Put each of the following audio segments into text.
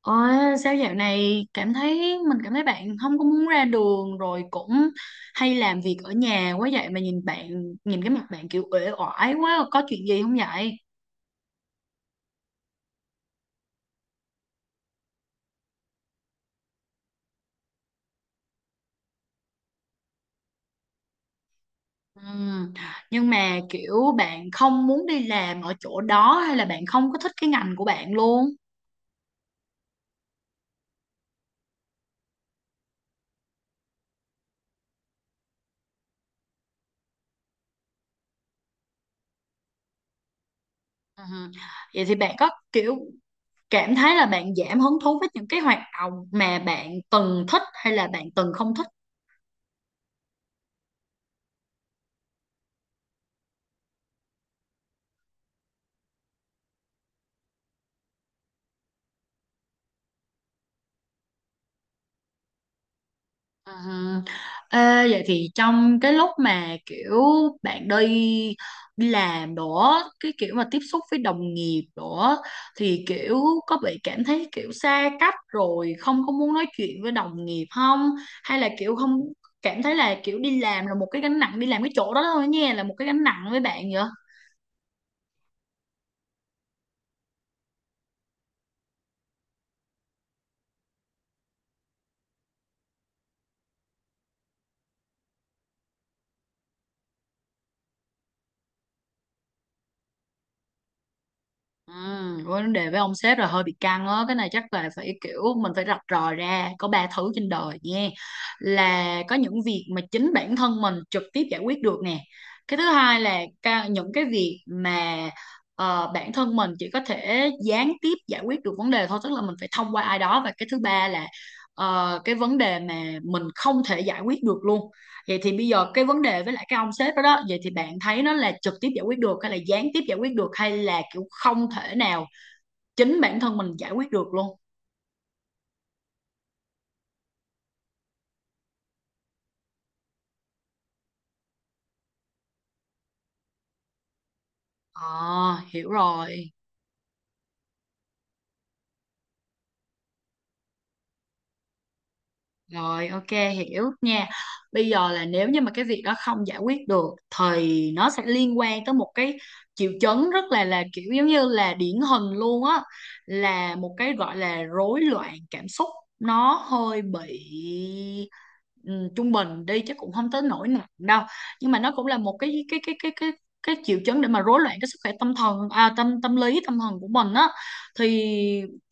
Ờ, sao dạo này cảm thấy bạn không có muốn ra đường rồi cũng hay làm việc ở nhà quá vậy, mà nhìn cái mặt bạn kiểu uể oải quá, có chuyện gì không vậy? Ừm, Nhưng mà kiểu bạn không muốn đi làm ở chỗ đó hay là bạn không có thích cái ngành của bạn luôn? Ừm, Vậy thì bạn có kiểu cảm thấy là bạn giảm hứng thú với những cái hoạt động mà bạn từng thích hay là bạn từng không thích? Ừ. Ê, vậy thì trong cái lúc mà kiểu bạn đi đi làm đó, cái kiểu mà tiếp xúc với đồng nghiệp đó thì kiểu có bị cảm thấy kiểu xa cách rồi không có muốn nói chuyện với đồng nghiệp không, hay là kiểu không cảm thấy là kiểu đi làm là một cái gánh nặng, đi làm cái chỗ đó thôi nha, là một cái gánh nặng với bạn vậy? Ừ, với vấn đề với ông sếp là hơi bị căng á, cái này chắc là phải kiểu mình phải rạch ròi ra, có ba thứ trên đời nha. Là có những việc mà chính bản thân mình trực tiếp giải quyết được nè, cái thứ hai là những cái việc mà bản thân mình chỉ có thể gián tiếp giải quyết được vấn đề thôi, tức là mình phải thông qua ai đó, và cái thứ ba là cái vấn đề mà mình không thể giải quyết được luôn. Vậy thì bây giờ cái vấn đề với lại cái ông sếp đó đó, vậy thì bạn thấy nó là trực tiếp giải quyết được hay là gián tiếp giải quyết được hay là kiểu không thể nào chính bản thân mình giải quyết được luôn? À, hiểu rồi. Rồi, ok, hiểu nha. Bây giờ là nếu như mà cái việc đó không giải quyết được thì nó sẽ liên quan tới một cái triệu chứng rất là kiểu giống như là điển hình luôn á, là một cái gọi là rối loạn cảm xúc, nó hơi bị ừ, trung bình đi chứ cũng không tới nỗi nặng đâu. Nhưng mà nó cũng là một cái triệu chứng để mà rối loạn cái sức khỏe tâm thần à, tâm tâm lý tâm thần của mình á, thì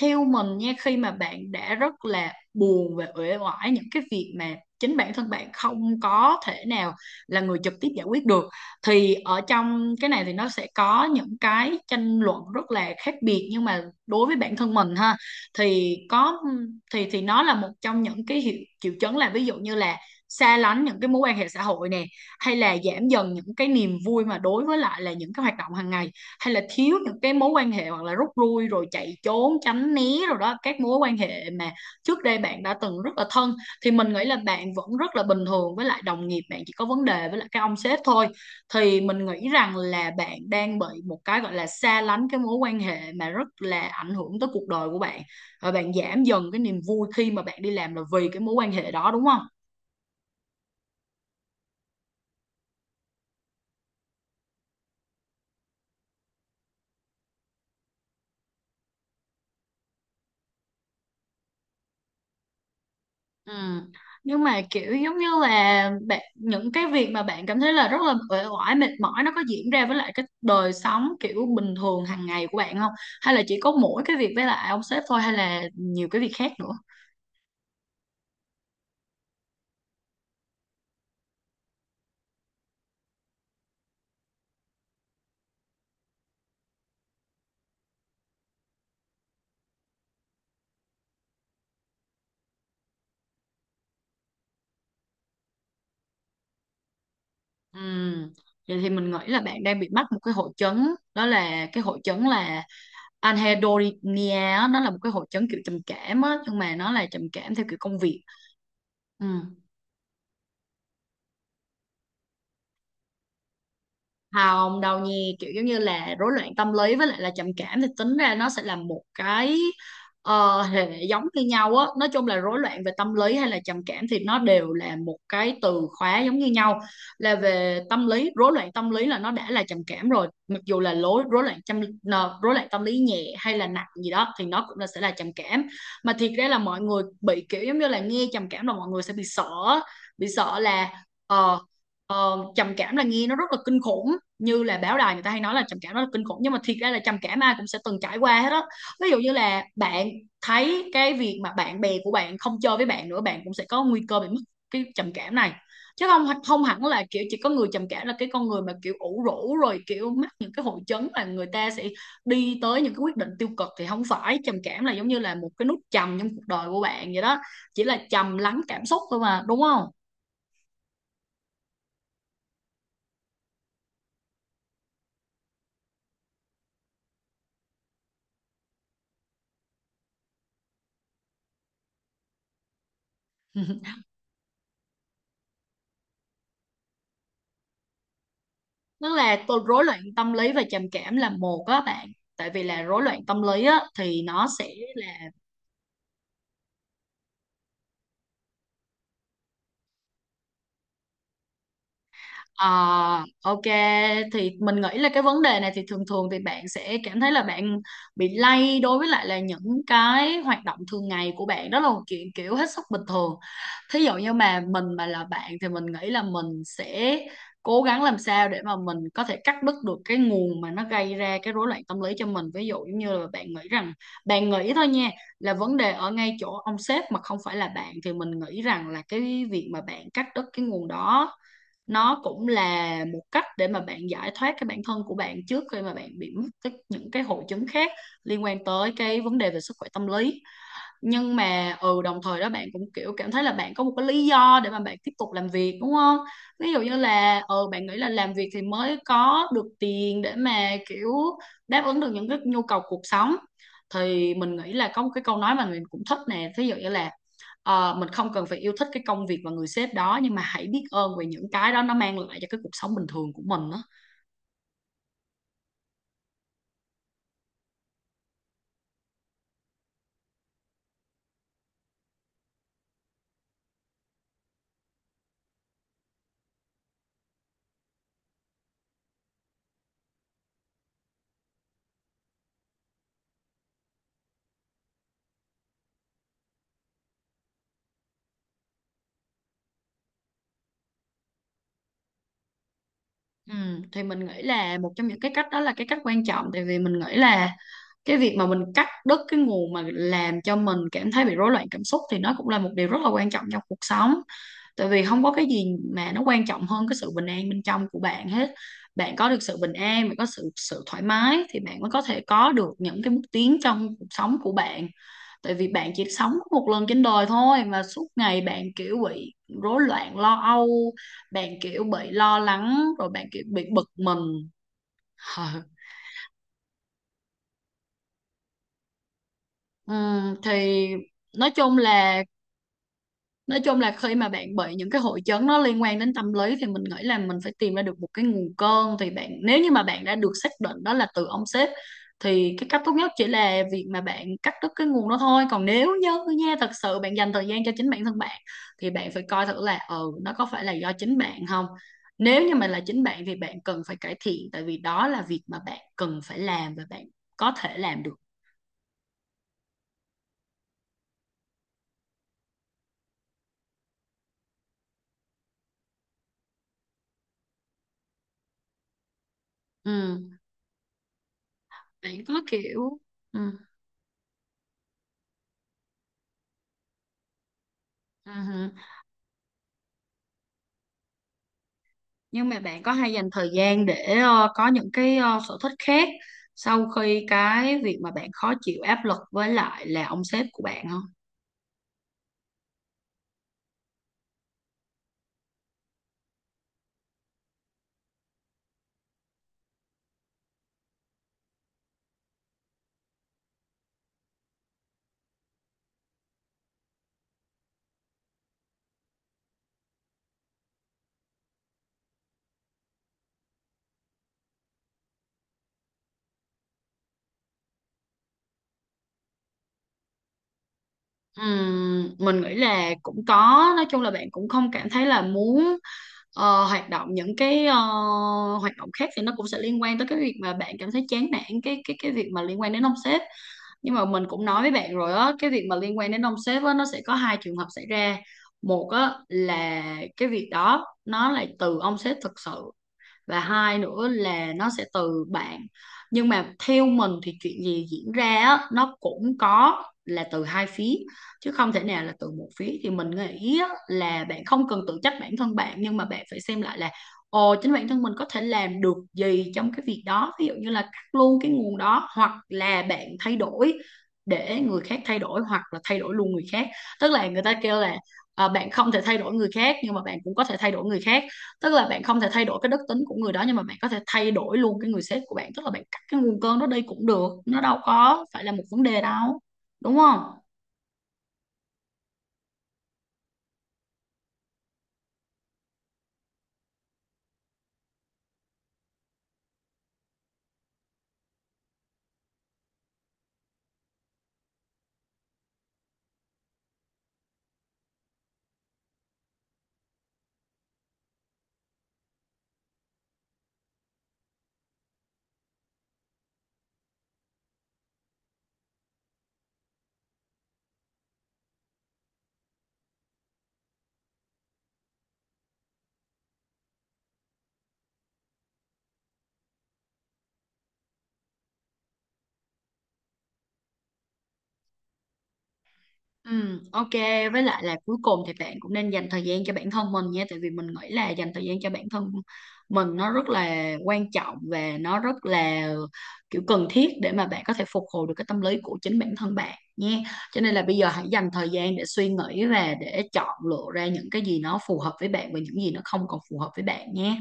theo mình nha, khi mà bạn đã rất là buồn và uể oải những cái việc mà chính bản thân bạn không có thể nào là người trực tiếp giải quyết được, thì ở trong cái này thì nó sẽ có những cái tranh luận rất là khác biệt, nhưng mà đối với bản thân mình ha, thì có thì nó là một trong những cái triệu chứng, là ví dụ như là xa lánh những cái mối quan hệ xã hội nè, hay là giảm dần những cái niềm vui mà đối với lại là những cái hoạt động hàng ngày, hay là thiếu những cái mối quan hệ hoặc là rút lui rồi chạy trốn tránh né rồi đó các mối quan hệ mà trước đây bạn đã từng rất là thân, thì mình nghĩ là bạn vẫn rất là bình thường với lại đồng nghiệp, bạn chỉ có vấn đề với lại cái ông sếp thôi, thì mình nghĩ rằng là bạn đang bị một cái gọi là xa lánh cái mối quan hệ mà rất là ảnh hưởng tới cuộc đời của bạn, và bạn giảm dần cái niềm vui khi mà bạn đi làm là vì cái mối quan hệ đó, đúng không? Ừ. Nhưng mà kiểu giống như là bạn, những cái việc mà bạn cảm thấy là rất là uể oải mệt mỏi nó có diễn ra với lại cái đời sống kiểu bình thường hàng ngày của bạn không? Hay là chỉ có mỗi cái việc với lại ông sếp thôi hay là nhiều cái việc khác nữa? Ừ. Vậy thì mình nghĩ là bạn đang bị mắc một cái hội chứng, đó là cái hội chứng là anhedonia á, nó là một cái hội chứng kiểu trầm cảm á, nhưng mà nó là trầm cảm theo kiểu công việc. Ừ. Hồng đâu nhi kiểu giống như là rối loạn tâm lý với lại là trầm cảm thì tính ra nó sẽ là một cái hệ giống như nhau á, nói chung là rối loạn về tâm lý hay là trầm cảm thì nó đều là một cái từ khóa giống như nhau, là về tâm lý, rối loạn tâm lý là nó đã là trầm cảm rồi, mặc dù là lối rối loạn tâm nờ, rối loạn tâm lý nhẹ hay là nặng gì đó thì nó cũng là sẽ là trầm cảm, mà thiệt ra là mọi người bị kiểu giống như là nghe trầm cảm là mọi người sẽ bị sợ á. Bị sợ là ờ, Ờ, trầm cảm là nghe nó rất là kinh khủng, như là báo đài người ta hay nói là trầm cảm nó là kinh khủng, nhưng mà thiệt ra là trầm cảm ai cũng sẽ từng trải qua hết đó, ví dụ như là bạn thấy cái việc mà bạn bè của bạn không chơi với bạn nữa, bạn cũng sẽ có nguy cơ bị mất cái trầm cảm này, chứ không không hẳn là kiểu chỉ có người trầm cảm là cái con người mà kiểu ủ rũ rồi kiểu mắc những cái hội chứng là người ta sẽ đi tới những cái quyết định tiêu cực, thì không phải trầm cảm là giống như là một cái nút trầm trong cuộc đời của bạn vậy đó, chỉ là trầm lắng cảm xúc thôi mà, đúng không? Tức là rối loạn tâm lý và trầm cảm là một á bạn, tại vì là rối loạn tâm lý á thì nó sẽ là ờ, ok. Thì mình nghĩ là cái vấn đề này thì thường thường thì bạn sẽ cảm thấy là bạn bị lay đối với lại là những cái hoạt động thường ngày của bạn, đó là một chuyện kiểu hết sức bình thường. Thí dụ như mà mình mà là bạn thì mình nghĩ là mình sẽ cố gắng làm sao để mà mình có thể cắt đứt được cái nguồn mà nó gây ra cái rối loạn tâm lý cho mình, ví dụ giống như là bạn nghĩ rằng, bạn nghĩ thôi nha, là vấn đề ở ngay chỗ ông sếp mà không phải là bạn, thì mình nghĩ rằng là cái việc mà bạn cắt đứt cái nguồn đó, nó cũng là một cách để mà bạn giải thoát cái bản thân của bạn trước khi mà bạn bị mắc những cái hội chứng khác liên quan tới cái vấn đề về sức khỏe tâm lý, nhưng mà đồng thời đó bạn cũng kiểu cảm thấy là bạn có một cái lý do để mà bạn tiếp tục làm việc, đúng không? Ví dụ như là bạn nghĩ là làm việc thì mới có được tiền để mà kiểu đáp ứng được những cái nhu cầu cuộc sống, thì mình nghĩ là có một cái câu nói mà mình cũng thích nè, ví dụ như là mình không cần phải yêu thích cái công việc và người sếp đó, nhưng mà hãy biết ơn về những cái đó nó mang lại cho cái cuộc sống bình thường của mình đó. Ừ, thì mình nghĩ là một trong những cái cách đó là cái cách quan trọng, tại vì mình nghĩ là cái việc mà mình cắt đứt cái nguồn mà làm cho mình cảm thấy bị rối loạn cảm xúc thì nó cũng là một điều rất là quan trọng trong cuộc sống, tại vì không có cái gì mà nó quan trọng hơn cái sự bình an bên trong của bạn hết. Bạn có được sự bình an, bạn có sự sự thoải mái thì bạn mới có thể có được những cái bước tiến trong cuộc sống của bạn, tại vì bạn chỉ sống một lần trên đời thôi mà suốt ngày bạn kiểu bị rối loạn lo âu, bạn kiểu bị lo lắng rồi bạn kiểu bị bực mình. Thì nói chung là nói chung là khi mà bạn bị những cái hội chứng nó liên quan đến tâm lý thì mình nghĩ là mình phải tìm ra được một cái nguồn cơn, thì bạn nếu như mà bạn đã được xác định đó là từ ông sếp thì cái cách tốt nhất chỉ là việc mà bạn cắt đứt cái nguồn đó thôi, còn nếu như nha, thật sự bạn dành thời gian cho chính bản thân bạn thì bạn phải coi thử là nó có phải là do chính bạn không. Nếu như mà là chính bạn thì bạn cần phải cải thiện, tại vì đó là việc mà bạn cần phải làm và bạn có thể làm được. Ừ. Bạn có kiểu. Ừ. Ừ. Nhưng mà bạn có hay dành thời gian để có những cái sở thích khác sau khi cái việc mà bạn khó chịu áp lực với lại là ông sếp của bạn không? Mình nghĩ là cũng có, nói chung là bạn cũng không cảm thấy là muốn hoạt động những cái hoạt động khác thì nó cũng sẽ liên quan tới cái việc mà bạn cảm thấy chán nản cái việc mà liên quan đến ông sếp, nhưng mà mình cũng nói với bạn rồi á, cái việc mà liên quan đến ông sếp á nó sẽ có hai trường hợp xảy ra. Một á là cái việc đó nó là từ ông sếp thực sự, và hai nữa là nó sẽ từ bạn, nhưng mà theo mình thì chuyện gì diễn ra á, nó cũng có là từ hai phía chứ không thể nào là từ một phía, thì mình nghĩ á, là bạn không cần tự trách bản thân bạn, nhưng mà bạn phải xem lại là ồ, chính bản thân mình có thể làm được gì trong cái việc đó, ví dụ như là cắt luôn cái nguồn đó hoặc là bạn thay đổi để người khác thay đổi hoặc là thay đổi luôn người khác. Tức là người ta kêu là à, bạn không thể thay đổi người khác nhưng mà bạn cũng có thể thay đổi người khác, tức là bạn không thể thay đổi cái đức tính của người đó, nhưng mà bạn có thể thay đổi luôn cái người sếp của bạn, tức là bạn cắt cái nguồn cơn đó đi cũng được, nó đâu có phải là một vấn đề đâu, đúng không? Ừ, ok, với lại là cuối cùng thì bạn cũng nên dành thời gian cho bản thân mình nha, tại vì mình nghĩ là dành thời gian cho bản thân mình nó rất là quan trọng và nó rất là kiểu cần thiết để mà bạn có thể phục hồi được cái tâm lý của chính bản thân bạn nha, cho nên là bây giờ hãy dành thời gian để suy nghĩ và để chọn lựa ra những cái gì nó phù hợp với bạn và những gì nó không còn phù hợp với bạn nhé.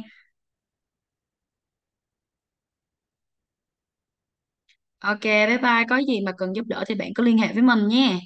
Ok, bye bye, có gì mà cần giúp đỡ thì bạn cứ liên hệ với mình nhé.